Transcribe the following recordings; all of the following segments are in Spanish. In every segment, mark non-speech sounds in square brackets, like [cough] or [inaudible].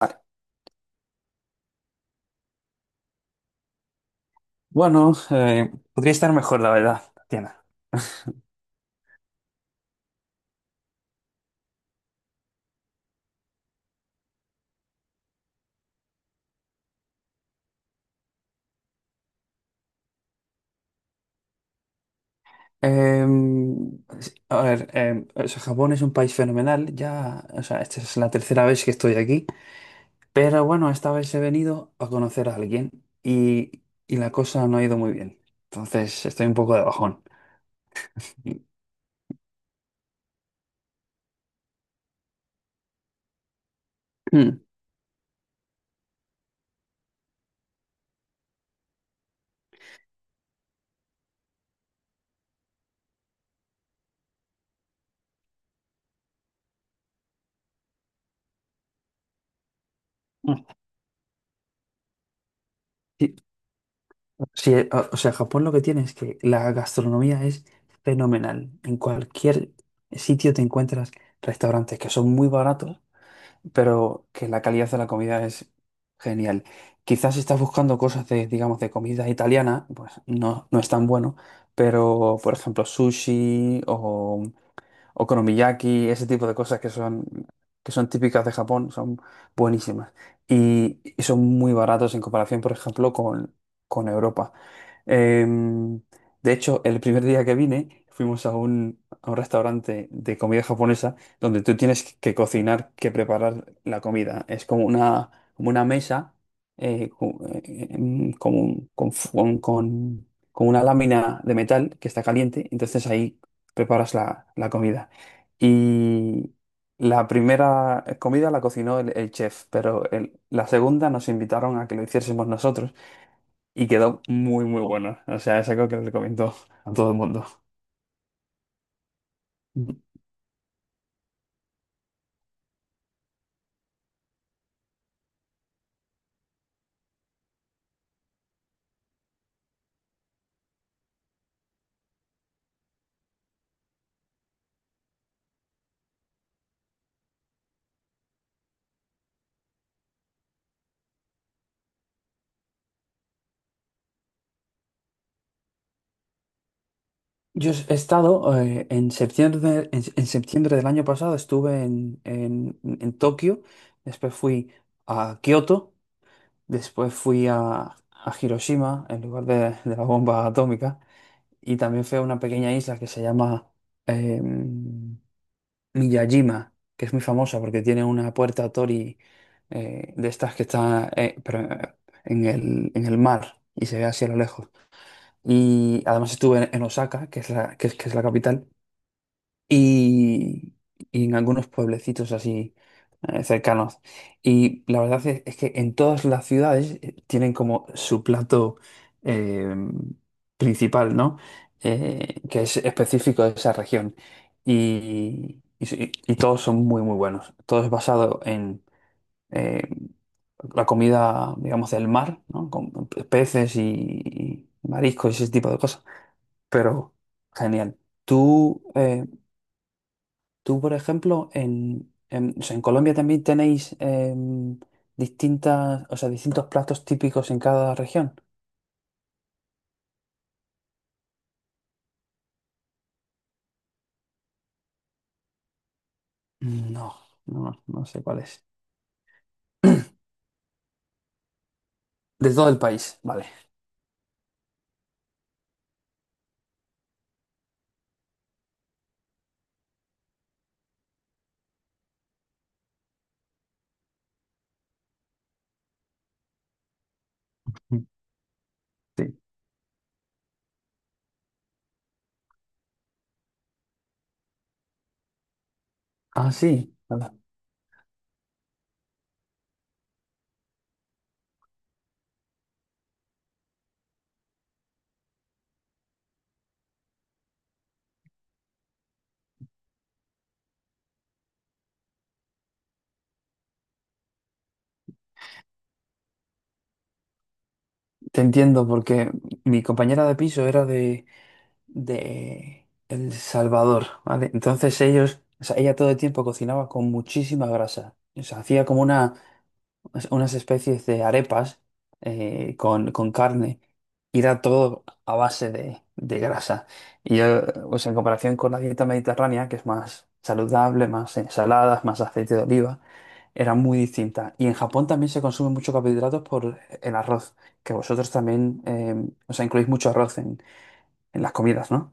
Ah, bueno, podría estar mejor, la verdad, Tatiana. Eh, a ver, o sea, Japón es un país fenomenal. Ya, o sea, esta es la tercera vez que estoy aquí. Pero bueno, esta vez he venido a conocer a alguien y la cosa no ha ido muy bien. Entonces, estoy un poco de bajón. [clears throat] Sí, sí, o sea, Japón lo que tiene es que la gastronomía es fenomenal. En cualquier sitio te encuentras restaurantes que son muy baratos, pero que la calidad de la comida es genial. Quizás, si estás buscando cosas de, digamos, de comida italiana, pues no, no es tan bueno, pero por ejemplo sushi o okonomiyaki, ese tipo de cosas que son típicas de Japón, son buenísimas. Y son muy baratos en comparación, por ejemplo, con Europa. Em, de hecho, el primer día que vine, fuimos a a un restaurante de comida japonesa donde tú tienes que cocinar, que preparar la comida. Es como una mesa, con una lámina de metal que está caliente, entonces ahí preparas la comida. Y la primera comida la cocinó el chef, pero la segunda nos invitaron a que lo hiciésemos nosotros, y quedó muy, muy bueno. O sea, es algo que le recomiendo a todo el mundo. Yo he estado, en septiembre del año pasado. Estuve en Tokio, después fui a Kioto, después fui a Hiroshima, en lugar de la bomba atómica, y también fui a una pequeña isla que se llama em, Miyajima, que es muy famosa porque tiene una puerta Tori, de estas que está, en en el mar, y se ve así a lo lejos. Y además estuve en Osaka, que es que es la capital, y, y en algunos pueblecitos así cercanos. Y la verdad es que en todas las ciudades tienen como su plato eh, principal, ¿no? Que es específico de esa región. Sí, y todos son muy, muy buenos. Todo es basado en eh, la comida, digamos, del mar, ¿no? Con peces y mariscos y ese tipo de cosas. Pero genial. ¿Tú, eh, Tú, por ejemplo, o sea, en Colombia también tenéis, distintas, o sea, distintos platos típicos en cada región. No, no, no sé cuál es. De todo el país, vale. Mm. Sí. Ah, sí. Vale. Te entiendo, porque mi compañera de piso era de El Salvador, ¿vale? Entonces ellos, o sea, ella todo el tiempo cocinaba con muchísima grasa. O sea, hacía unas especies de arepas, con carne, y era todo a base de grasa. Y yo, pues en comparación con la dieta mediterránea, que es más saludable, más ensaladas, más aceite de oliva, era muy distinta. Y en Japón también se consume mucho carbohidratos por el arroz, que vosotros también, o sea, incluís mucho arroz en las comidas, ¿no?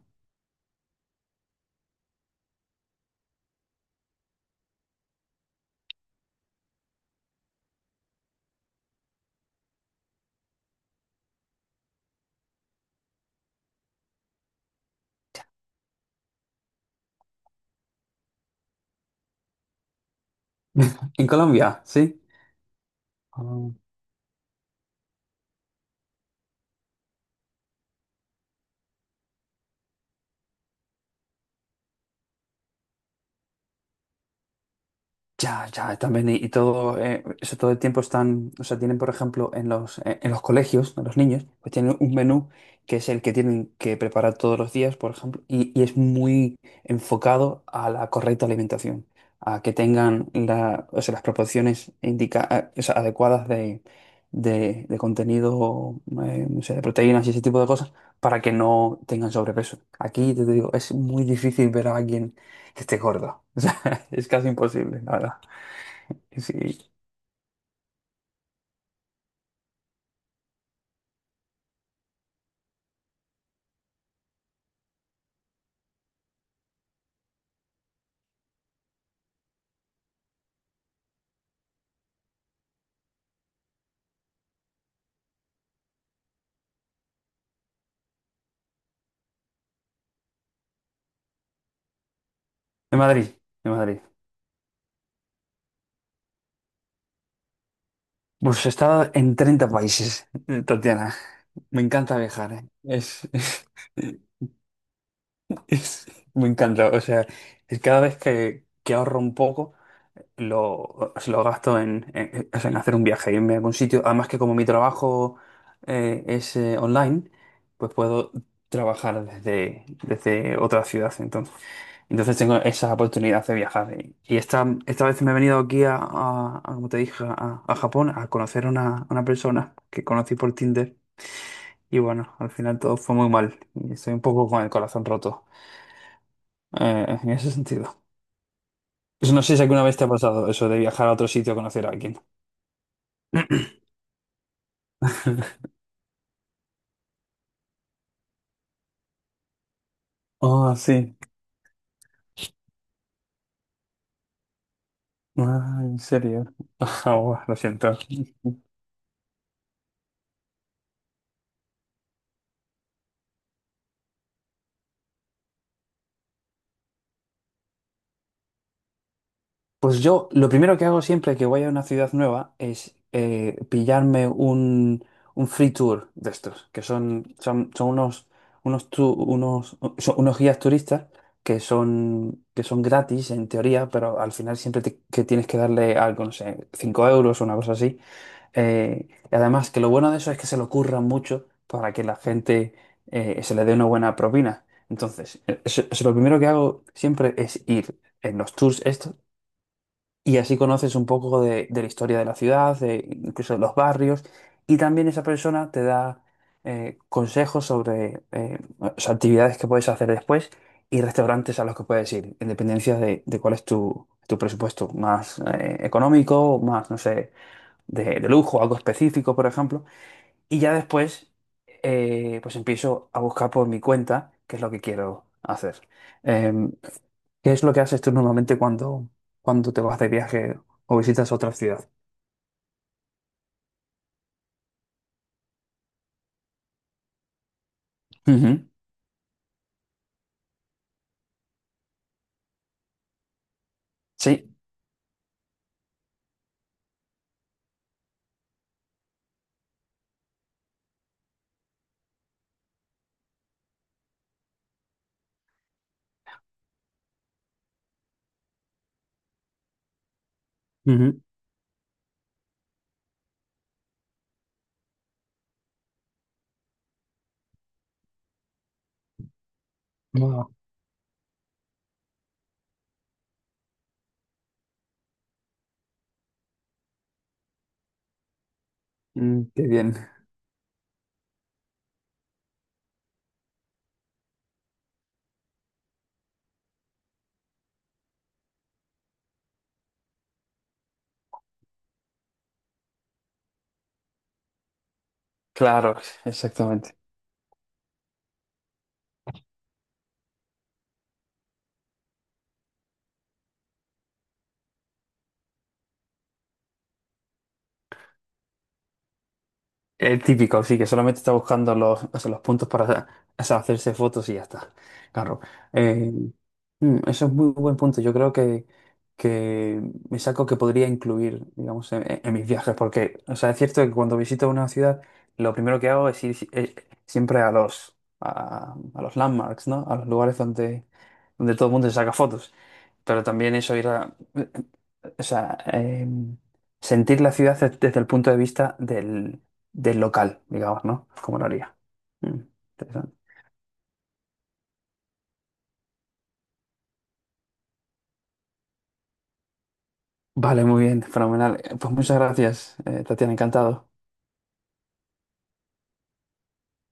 En Colombia, sí. Ah. Ya, ya, también. Y todo, eso todo el tiempo están, o sea, tienen, por ejemplo, en los colegios, a los niños, pues tienen un menú que es el que tienen que preparar todos los días, por ejemplo, y es muy enfocado a la correcta alimentación, a que tengan la, o sea, las proporciones indica, o sea, adecuadas de contenido, no sé, de proteínas y ese tipo de cosas, para que no tengan sobrepeso. Aquí, te digo, es muy difícil ver a alguien que esté gordo. [laughs] Es casi imposible, la verdad. Y sí. De Madrid, de Madrid. Pues he estado en 30 países, Tatiana. Me encanta viajar, ¿eh? Es, [laughs] es- me encanta. O sea, es cada vez que ahorro un poco, se lo gasto o sea, en hacer un viaje, irme a algún sitio. Además, que como mi trabajo, es, online, pues puedo trabajar desde otra ciudad. Entonces tengo esa oportunidad de viajar. Y esta vez me he venido aquí como te dije, a Japón, a conocer a una persona que conocí por Tinder. Y bueno, al final todo fue muy mal, y estoy un poco con el corazón roto, en ese sentido. Pues no sé si alguna vez te ha pasado eso de viajar a otro sitio a conocer a alguien. [laughs] Ah, sí. Ah, ¿en serio? [laughs] Ah, buah, lo siento. Pues yo lo primero que hago siempre que voy a una ciudad nueva es, pillarme un free tour de estos, que son, son, son unos, unos, tu- unos, son unos guías turistas, que son gratis en teoría, pero al final siempre que tienes que darle algo, no sé, 5 euros o una cosa así. Y además, que lo bueno de eso es que se lo curran mucho para que la gente, se le dé una buena propina. Entonces, eso lo primero que hago siempre es ir en los tours estos, y así conoces un poco de la historia de la ciudad, de incluso de los barrios, y también esa persona te da, consejos sobre, o sea, actividades que puedes hacer después, y restaurantes a los que puedes ir, en dependencia de cuál es tu presupuesto, más, económico, más, no sé, de lujo, algo específico, por ejemplo. Y ya después, pues empiezo a buscar por mi cuenta qué es lo que quiero hacer. Eh, ¿qué es lo que haces tú normalmente cuando, te vas de viaje o visitas otra ciudad? Ujú. Sí. Ujú. Wow. Mm, qué bien. Claro, exactamente. El típico, sí, que solamente está buscando los, o sea, los puntos para, o sea, hacerse fotos y ya está. Claro. Eh, eso es muy buen punto. Yo creo que es algo que podría incluir, digamos, mis viajes, porque, o sea, es cierto que cuando visito una ciudad, lo primero que hago es ir siempre a los landmarks, ¿no? A los lugares donde todo el mundo se saca fotos. Pero también eso, ir a, o sea, em, sentir la ciudad desde el punto de vista del local, digamos, ¿no? Como lo haría. Mm, Interesante. Vale, muy bien, fenomenal. Pues muchas gracias, Tatiana, encantado.